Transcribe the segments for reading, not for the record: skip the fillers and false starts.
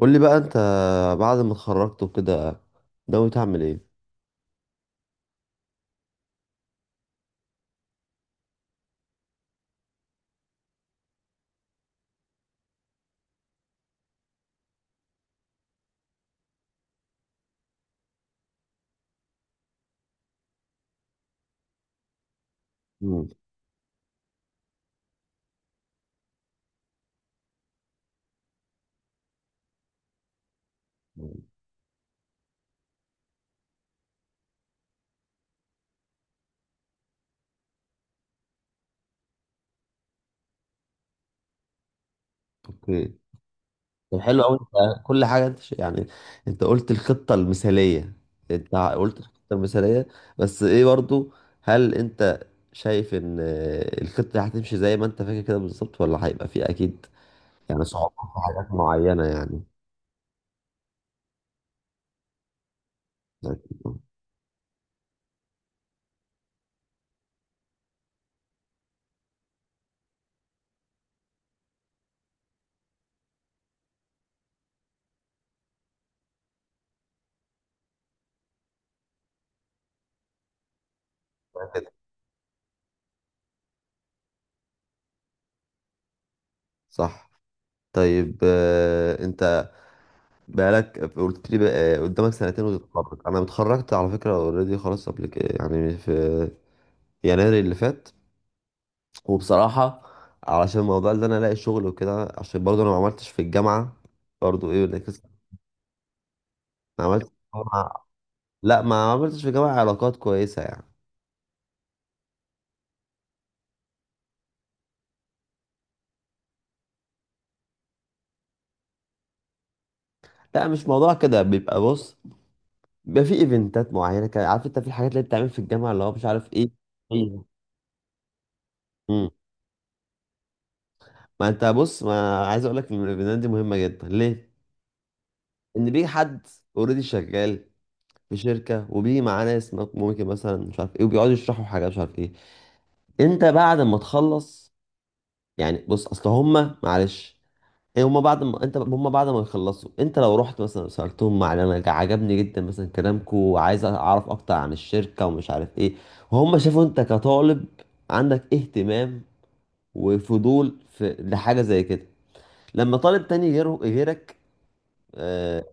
قول لي بقى، انت بعد ما اتخرجت وكده ناوي تعمل ايه؟ مم. اوكي. طب، حلو قوي، انت كل حاجه انت يعني، انت قلت الخطه المثاليه انت قلت الخطه المثاليه. بس ايه برضو؟ هل انت شايف ان الخطه دي هتمشي زي ما انت فاكر كده بالظبط، ولا هيبقى في اكيد يعني صعوبات في حاجات معينه يعني؟ أكيد. كده، صح. طيب، انت بقالك قلت لي بقى قدامك سنتين وتتخرج. انا اتخرجت على فكره اوريدي خلاص قبل كده، يعني في يناير اللي فات. وبصراحه، علشان الموضوع اللي انا الاقي شغل وكده، عشان برضه انا ما عملتش في الجامعه. برضه ايه؟ ما عملتش في الجامعة- لا، ما عملتش في الجامعه علاقات كويسه يعني. لا، مش موضوع كده بيبقى. بص، بيبقى في ايفنتات معينه كده، عارف انت، في الحاجات اللي بتعمل في الجامعه اللي هو مش عارف ايه. ايوه. امم. ما انت بص، ما عايز اقول لك ان الايفنتات دي مهمه جدا ليه. ان بيجي حد اوريدي شغال في شركه، وبيجي معاه ناس ممكن مثلا مش عارف ايه، وبيقعدوا يشرحوا حاجه مش عارف ايه. انت بعد ما تخلص، يعني بص، اصل هما، معلش، ايه، هما بعد ما يخلصوا، انت لو رحت مثلا سالتهم عن، عجبني جدا مثلا كلامكم، وعايز اعرف اكتر عن الشركه ومش عارف ايه. وهم شافوا انت كطالب عندك اهتمام وفضول في لحاجه زي كده، لما طالب تاني غيره غيرك. آه.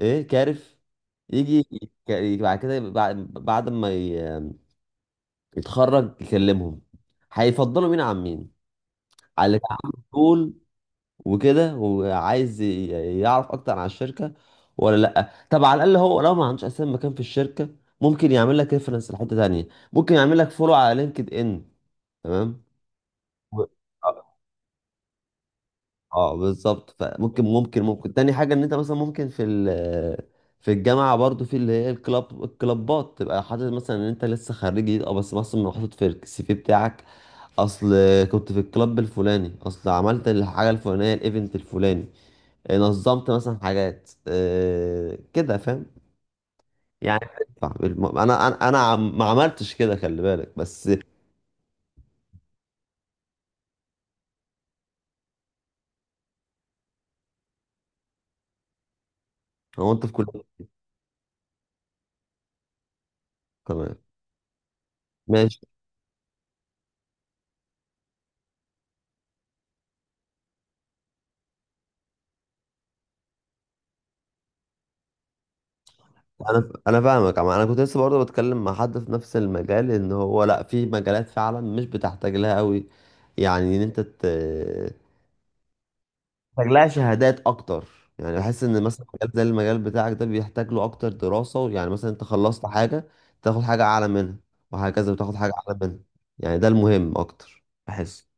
ايه، كارف. يجي، بعد كده، بعد ما اتخرج يكلمهم. هيفضلوا مين عن مين؟ على اللي كان عنده طول وكده، وعايز يعرف اكتر عن الشركه ولا لا. طب على الاقل، هو لو ما عندوش اساسا مكان في الشركه، ممكن يعمل لك ريفرنس لحته تانيه، ممكن يعمل لك فولو على لينكد ان. تمام. و- اه، بالظبط. فممكن ممكن ممكن تاني حاجة، ان انت مثلا ممكن في الجامعة برضو، في اللي هي الكلابات، تبقى حاطط مثلا ان انت لسه خريج جديد، اه، بس مثلا حاطط في السي في بتاعك. اصل كنت في الكلاب الفلاني، اصل عملت الحاجة الفلانية، الايفنت الفلاني. نظمت مثلا حاجات، كده، فاهم، يعني بتنفع. انا انا ما عملتش كده، خلي بالك، بس. هو انت في كل. كمان. انا فاهمك انا كنت لسه برضه بتكلم مع حد في نفس المجال، ان هو لا، في مجالات فعلا مش بتحتاج لها قوي، يعني ان انت محتاج لها شهادات اكتر. يعني بحس ان مثلا مجال زي المجال بتاعك ده بيحتاج له اكتر دراسة. يعني مثلا انت خلصت حاجة، تاخد حاجة اعلى منها، وهكذا بتاخد حاجة اعلى منها. يعني ده المهم اكتر، بحس.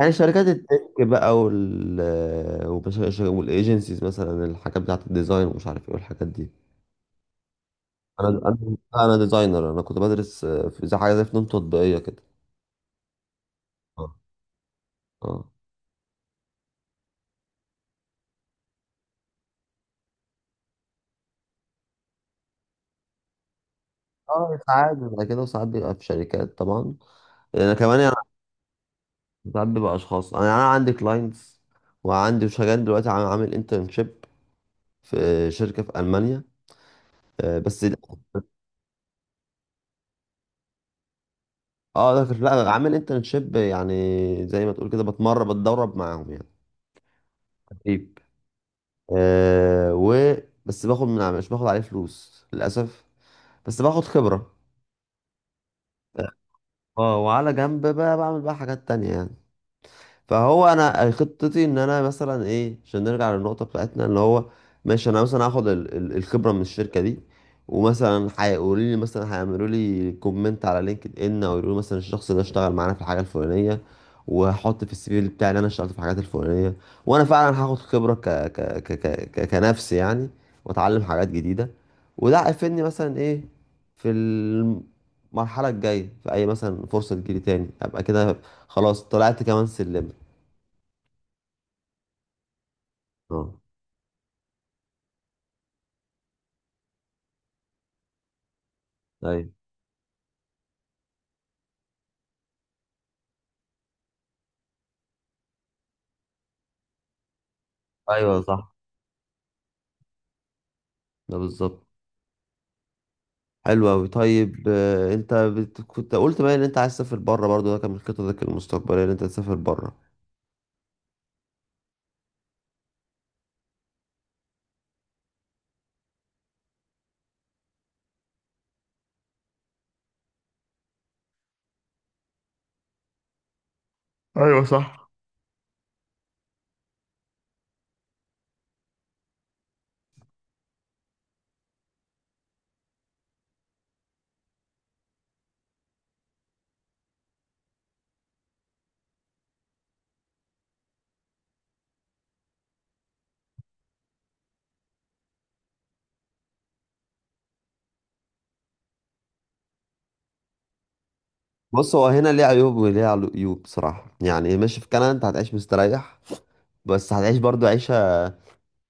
يعني شركات التك بقى، والايجنسيز مثلا، الحاجات بتاعت الديزاين ومش عارف ايه، والحاجات دي. انا انا انا ديزاينر. انا كنت بدرس في زي حاجه زي فنون تطبيقيه كده. اه. اه. اه، ساعات بيبقى كده، وساعات بيبقى في شركات طبعا. انا كمان يعني. ساعات بيبقى اشخاص. انا عندي كلاينتس. وعندي شغال دلوقتي، عامل انترنشيب في شركه في المانيا، بس. اه، لا، عامل انترنشيب، يعني زي ما تقول كده، بتمرن بتدرب معاهم يعني. تدريب. آه و بس باخد مش باخد عليه فلوس للاسف، بس باخد خبره. اه، وعلى جنب بقى، بعمل بقى حاجات تانية يعني. فهو انا، خطتي ان انا مثلا، ايه، عشان نرجع للنقطه بتاعتنا اللي هو، ماشي انا مثلا هاخد الخبره من الشركه دي. ومثلا هيقولوا لي، مثلا هيعملوا لي كومنت على لينكد ان، او يقولوا لي مثلا الشخص ده اشتغل معانا في الحاجه الفلانيه. وهحط في السي في بتاعي ان انا اشتغلت في الحاجات الفلانيه. وانا فعلا هاخد خبره كنفسي يعني، واتعلم حاجات جديده. وده هيفيدني مثلا، ايه، في المرحله الجايه، في اي مثلا فرصه تجيلي تاني، ابقى كده خلاص طلعت كمان سلم. اه. ايوه. ايوه، صح. ده بالظبط. حلو قوي. طيب، انت كنت قلت بقى ان انت عايز تسافر بره برضو، ده كان من خططك المستقبليه ان انت تسافر بره. بص، هو هنا ليه عيوب وليه عيوب، بصراحه يعني. ماشي في كندا انت هتعيش مستريح، بس هتعيش برضو عيشه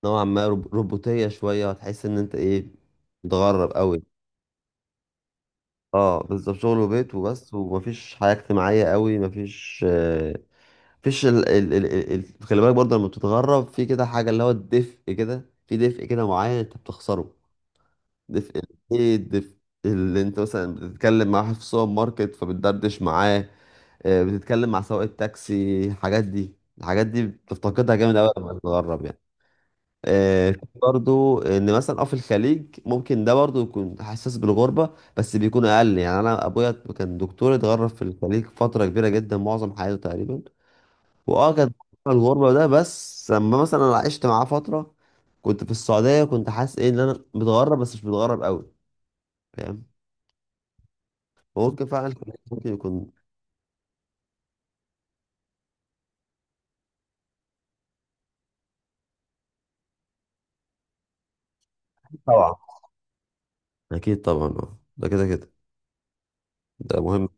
نوعا ما روبوتيه شويه. هتحس ان انت، ايه، متغرب قوي. اه، بالظبط، شغل وبيت وبس، ومفيش حياه اجتماعيه قوي، مفيش آه، فيش ال... ال... ال... ال... ال- خلي بالك برضه، لما بتتغرب في كده حاجة، اللي هو الدفء كده، في دفء كده معين انت بتخسره. دفء ايه، الدفء اللي انت مثلا بتتكلم مع واحد في السوبر ماركت فبتدردش معاه. بتتكلم مع سواق التاكسي. الحاجات دي بتفتقدها جامد قوي لما تتغرب يعني. في برضو ان مثلا، اه، في الخليج ممكن ده برضو يكون حساس بالغربه، بس بيكون اقل. يعني انا ابويا كان دكتور، اتغرب في الخليج فتره كبيره جدا، معظم حياته تقريبا. واه، كانت بره الغربة ده. بس لما مثلا أنا عشت معاه فترة، كنت في السعودية، كنت حاسس، ايه، ان انا متغرب بس مش متغرب قوي. فاهم. ممكن فعلا. ممكن يكون. طبعا، اكيد طبعا. اه، ده كده كده ده مهم.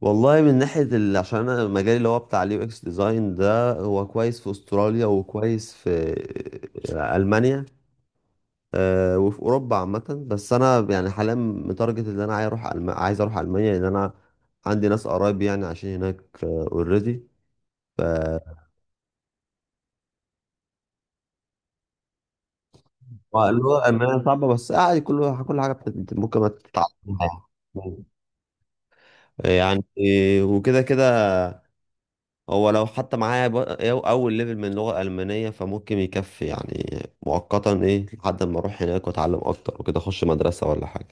والله، من ناحية عشان انا مجالي اللي هو بتاع الـUX ديزاين ده، هو كويس في استراليا وكويس في المانيا. وفي اوروبا عامة. بس انا يعني حاليا متارجت ان انا عايز اروح عايز اروح المانيا، لان انا عندي ناس قرايب يعني عايشين هناك اوريدي. ف اللي هو، أمانة صعبة، بس عادي. كل حاجة ممكن ما تتعلمها يعني. وكده كده. هو لو حتى معايا أول ليفل من اللغة الألمانية، فممكن يكفي يعني مؤقتا، إيه، لحد ما أروح هناك وأتعلم أكتر، وكده أخش مدرسة ولا حاجة.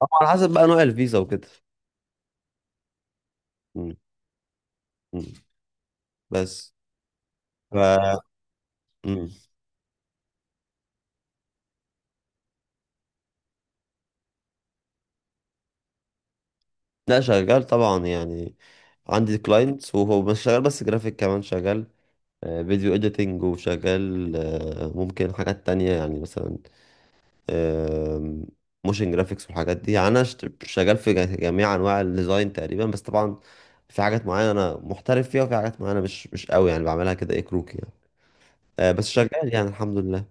طبعا، على حسب بقى نوع الفيزا وكده. مم. مم. بس، ف مم. لا، شغال طبعا يعني. عندي كلاينتس وهو مش شغال بس جرافيك كمان. شغال فيديو اديتنج، وشغال ممكن حاجات تانية يعني مثلا، موشن جرافيكس والحاجات دي. يعني انا شغال في جميع انواع الديزاين تقريبا، بس طبعا في حاجات معينة انا محترف فيها، وفي حاجات معينة مش قوي، يعني بعملها كده، ايه، كروكي يعني. بس شغال يعني، الحمد لله.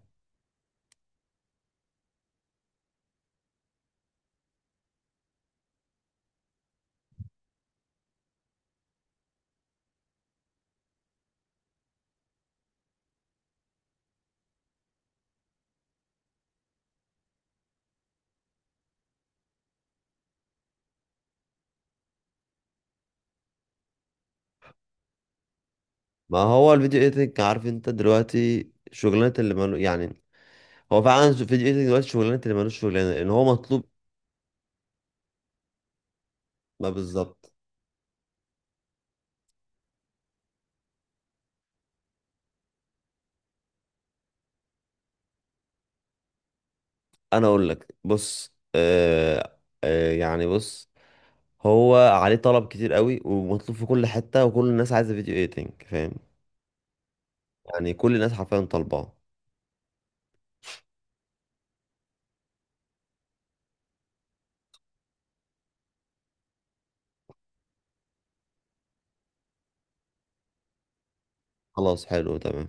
ما هو الفيديو اديتنج، عارف انت، دلوقتي شغلانة اللي مالو يعني. هو فعلا الفيديو اديتنج دلوقتي شغلانة اللي مالوش شغلانة، لان هو مطلوب. ما بالظبط. انا اقول لك، بص، يعني، بص، هو عليه طلب كتير قوي، ومطلوب في كل حتة، وكل الناس عايزة فيديو ايديتنج، فاهم. يعني كل الناس حرفيا طالباه. خلاص، حلو، تمام.